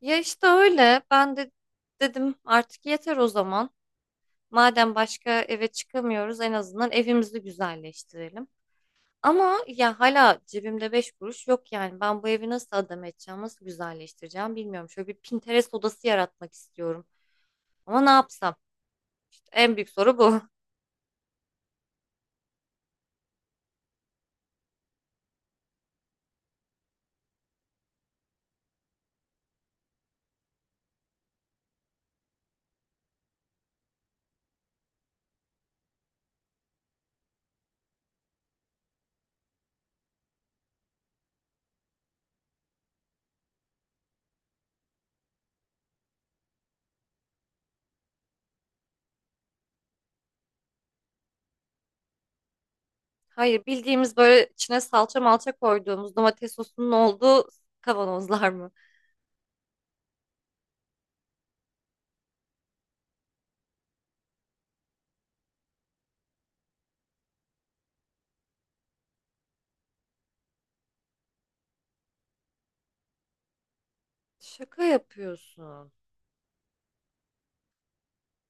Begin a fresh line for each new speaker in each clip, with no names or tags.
Ya işte öyle. Ben de dedim artık yeter o zaman. Madem başka eve çıkamıyoruz en azından evimizi güzelleştirelim. Ama ya hala cebimde beş kuruş yok yani. Ben bu evi nasıl adam edeceğim, nasıl güzelleştireceğim bilmiyorum. Şöyle bir Pinterest odası yaratmak istiyorum. Ama ne yapsam? En büyük soru bu. Hayır, bildiğimiz böyle içine salça malça koyduğumuz domates sosunun olduğu kavanozlar mı? Şaka yapıyorsun.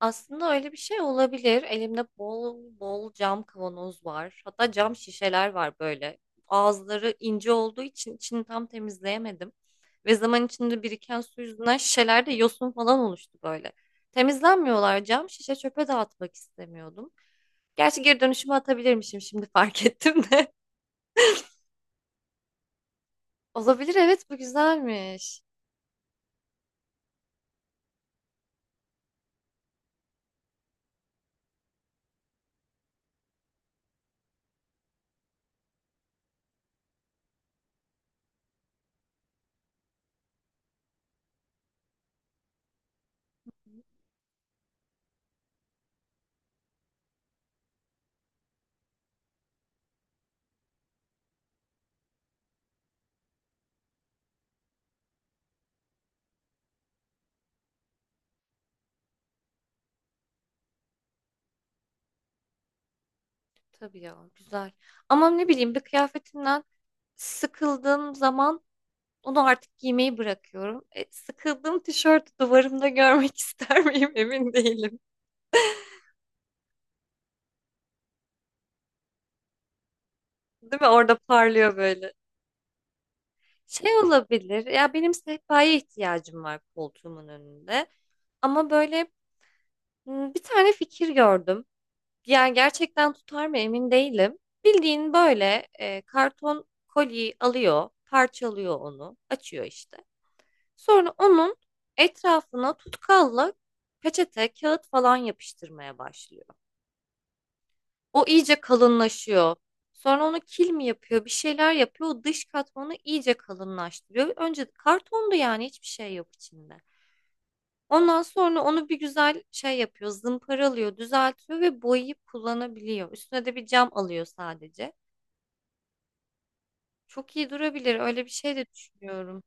Aslında öyle bir şey olabilir. Elimde bol bol cam kavanoz var. Hatta cam şişeler var böyle. Ağızları ince olduğu için içini tam temizleyemedim. Ve zaman içinde biriken su yüzünden şişelerde yosun falan oluştu böyle. Temizlenmiyorlar, cam şişe çöpe dağıtmak istemiyordum. Gerçi geri dönüşüme atabilirmişim, şimdi fark ettim de. Olabilir, evet, bu güzelmiş. Tabii ya, güzel. Ama ne bileyim, bir kıyafetimden sıkıldığım zaman onu artık giymeyi bırakıyorum. Sıkıldığım tişörtü duvarımda görmek ister miyim emin değilim. Değil mi? Orada parlıyor böyle. Şey olabilir. Ya benim sehpaya ihtiyacım var koltuğumun önünde. Ama böyle bir tane fikir gördüm. Yani gerçekten tutar mı emin değilim. Bildiğin böyle karton kolyeyi alıyor, parçalıyor onu, açıyor işte. Sonra onun etrafına tutkalla peçete, kağıt falan yapıştırmaya başlıyor. O iyice kalınlaşıyor. Sonra onu kil mi yapıyor, bir şeyler yapıyor. O dış katmanı iyice kalınlaştırıyor. Önce kartondu yani, hiçbir şey yok içinde. Ondan sonra onu bir güzel şey yapıyor, zımparalıyor, düzeltiyor ve boyayıp kullanabiliyor. Üstüne de bir cam alıyor sadece. Çok iyi durabilir. Öyle bir şey de düşünüyorum.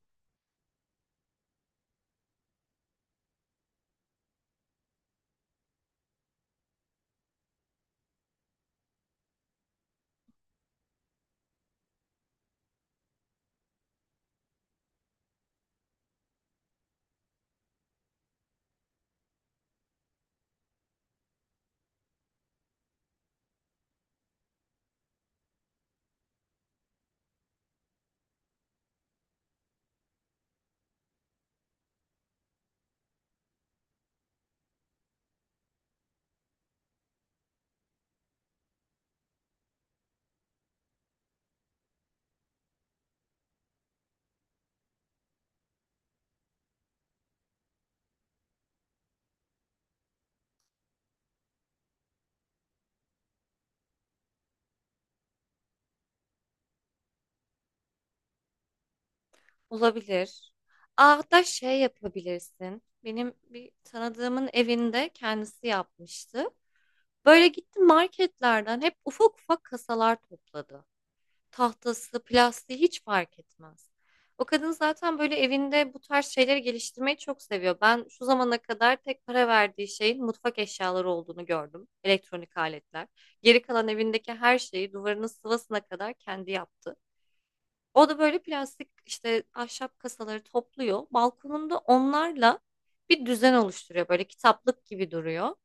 Olabilir. Aa, hatta şey yapabilirsin. Benim bir tanıdığımın evinde kendisi yapmıştı. Böyle gitti, marketlerden hep ufak ufak kasalar topladı. Tahtası, plastiği hiç fark etmez. O kadın zaten böyle evinde bu tarz şeyleri geliştirmeyi çok seviyor. Ben şu zamana kadar tek para verdiği şeyin mutfak eşyaları olduğunu gördüm. Elektronik aletler. Geri kalan evindeki her şeyi, duvarının sıvasına kadar, kendi yaptı. O da böyle plastik işte, ahşap kasaları topluyor. Balkonunda onlarla bir düzen oluşturuyor. Böyle kitaplık gibi duruyor.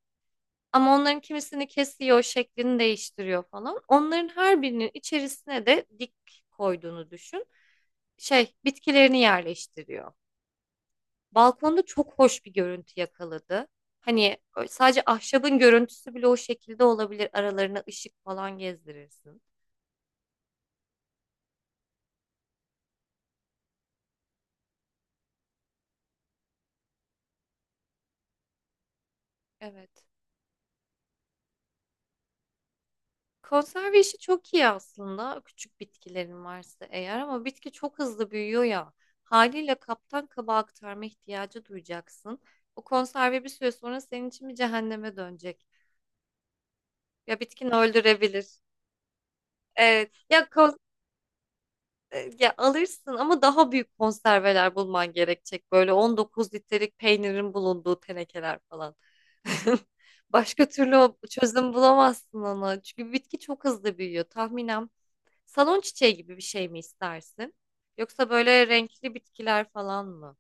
Ama onların kimisini kesiyor, şeklini değiştiriyor falan. Onların her birinin içerisine de dik koyduğunu düşün. Şey, bitkilerini yerleştiriyor. Balkonda çok hoş bir görüntü yakaladı. Hani sadece ahşabın görüntüsü bile o şekilde olabilir. Aralarına ışık falan gezdirirsin. Evet. Konserve işi çok iyi aslında, küçük bitkilerin varsa eğer, ama bitki çok hızlı büyüyor ya, haliyle kaptan kaba aktarma ihtiyacı duyacaksın. O konserve bir süre sonra senin için bir cehenneme dönecek. Ya bitkini öldürebilir. Evet. Ya, ya alırsın ama daha büyük konserveler bulman gerekecek. Böyle 19 litrelik peynirin bulunduğu tenekeler falan. Başka türlü o çözüm bulamazsın ona. Çünkü bitki çok hızlı büyüyor. Tahminen salon çiçeği gibi bir şey mi istersin? Yoksa böyle renkli bitkiler falan mı?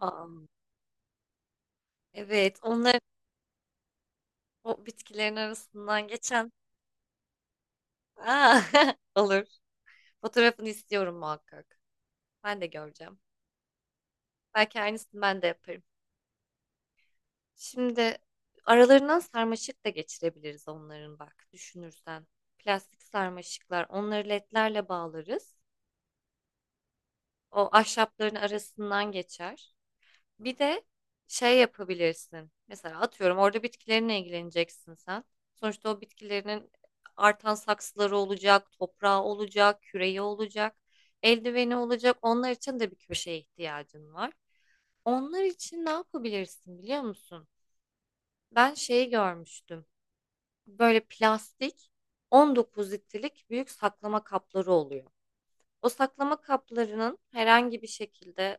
Aa, evet, onlar o bitkilerin arasından geçen. Aa, olur. Fotoğrafını istiyorum muhakkak. Ben de göreceğim. Belki aynısını ben de yaparım. Şimdi aralarından sarmaşık da geçirebiliriz onların, bak düşünürsen. Plastik sarmaşıklar, onları ledlerle bağlarız. O ahşapların arasından geçer. Bir de şey yapabilirsin. Mesela atıyorum, orada bitkilerine ilgileneceksin sen. Sonuçta o bitkilerinin artan saksıları olacak, toprağı olacak, küreği olacak, eldiveni olacak. Onlar için de bir köşeye ihtiyacın var. Onlar için ne yapabilirsin biliyor musun? Ben şeyi görmüştüm. Böyle plastik 19 litrelik büyük saklama kapları oluyor. O saklama kaplarının herhangi bir şekilde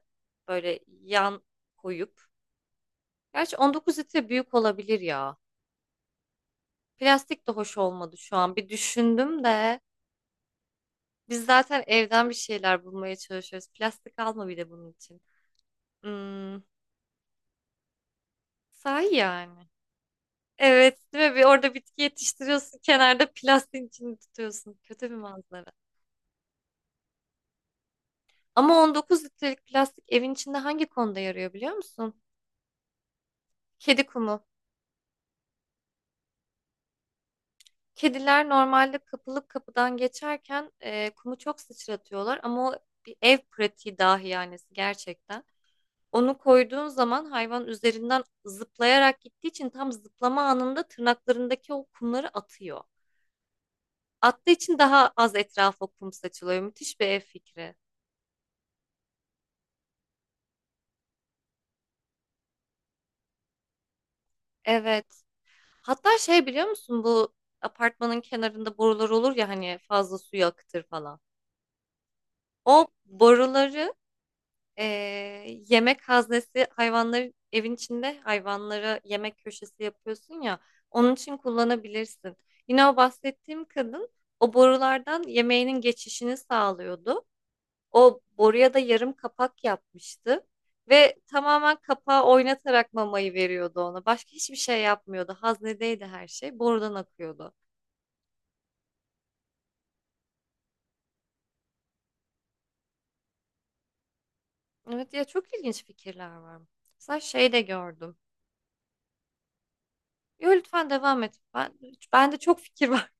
böyle yan koyup. Gerçi 19 litre büyük olabilir ya. Plastik de hoş olmadı şu an. Bir düşündüm de biz zaten evden bir şeyler bulmaya çalışıyoruz. Plastik alma bir de bunun için. Hmm, sahi yani. Evet, değil mi? Bir orada bitki yetiştiriyorsun, kenarda plastiğin içini tutuyorsun. Kötü bir manzara. Ama 19 litrelik plastik evin içinde hangi konuda yarıyor biliyor musun? Kedi kumu. Kediler normalde kapılıp kapıdan geçerken kumu çok sıçratıyorlar, ama o bir ev pratiği dahi yani gerçekten. Onu koyduğun zaman hayvan üzerinden zıplayarak gittiği için, tam zıplama anında tırnaklarındaki o kumları atıyor. Attığı için daha az etrafa kum saçılıyor. Müthiş bir ev fikri. Evet. Hatta şey biliyor musun, bu apartmanın kenarında borular olur ya hani, fazla suyu akıtır falan. O boruları Ee, yemek haznesi, hayvanları evin içinde, hayvanlara yemek köşesi yapıyorsun ya, onun için kullanabilirsin. Yine o bahsettiğim kadın o borulardan yemeğinin geçişini sağlıyordu. O boruya da yarım kapak yapmıştı ve tamamen kapağı oynatarak mamayı veriyordu ona. Başka hiçbir şey yapmıyordu. Haznedeydi her şey. Borudan akıyordu. Evet ya, çok ilginç fikirler var. Mesela şey de gördüm. Yo, lütfen devam et. Ben de çok fikir var.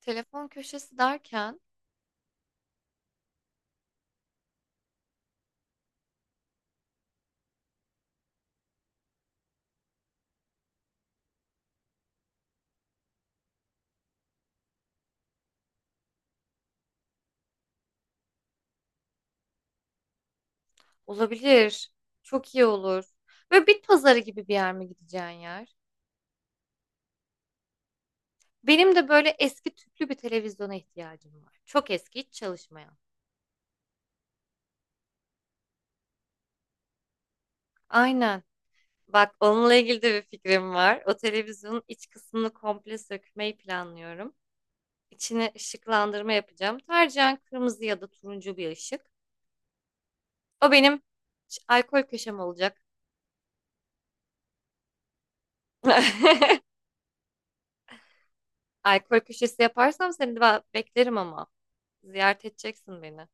Telefon köşesi derken, olabilir. Çok iyi olur. Böyle bit pazarı gibi bir yer mi gideceğin yer? Benim de böyle eski tüplü bir televizyona ihtiyacım var. Çok eski, hiç çalışmayan. Aynen. Bak onunla ilgili de bir fikrim var. O televizyonun iç kısmını komple sökmeyi planlıyorum. İçine ışıklandırma yapacağım. Tercihen kırmızı ya da turuncu bir ışık. O benim alkol köşem olacak. Alkol köşesi yaparsam seni de beklerim ama. Ziyaret edeceksin beni.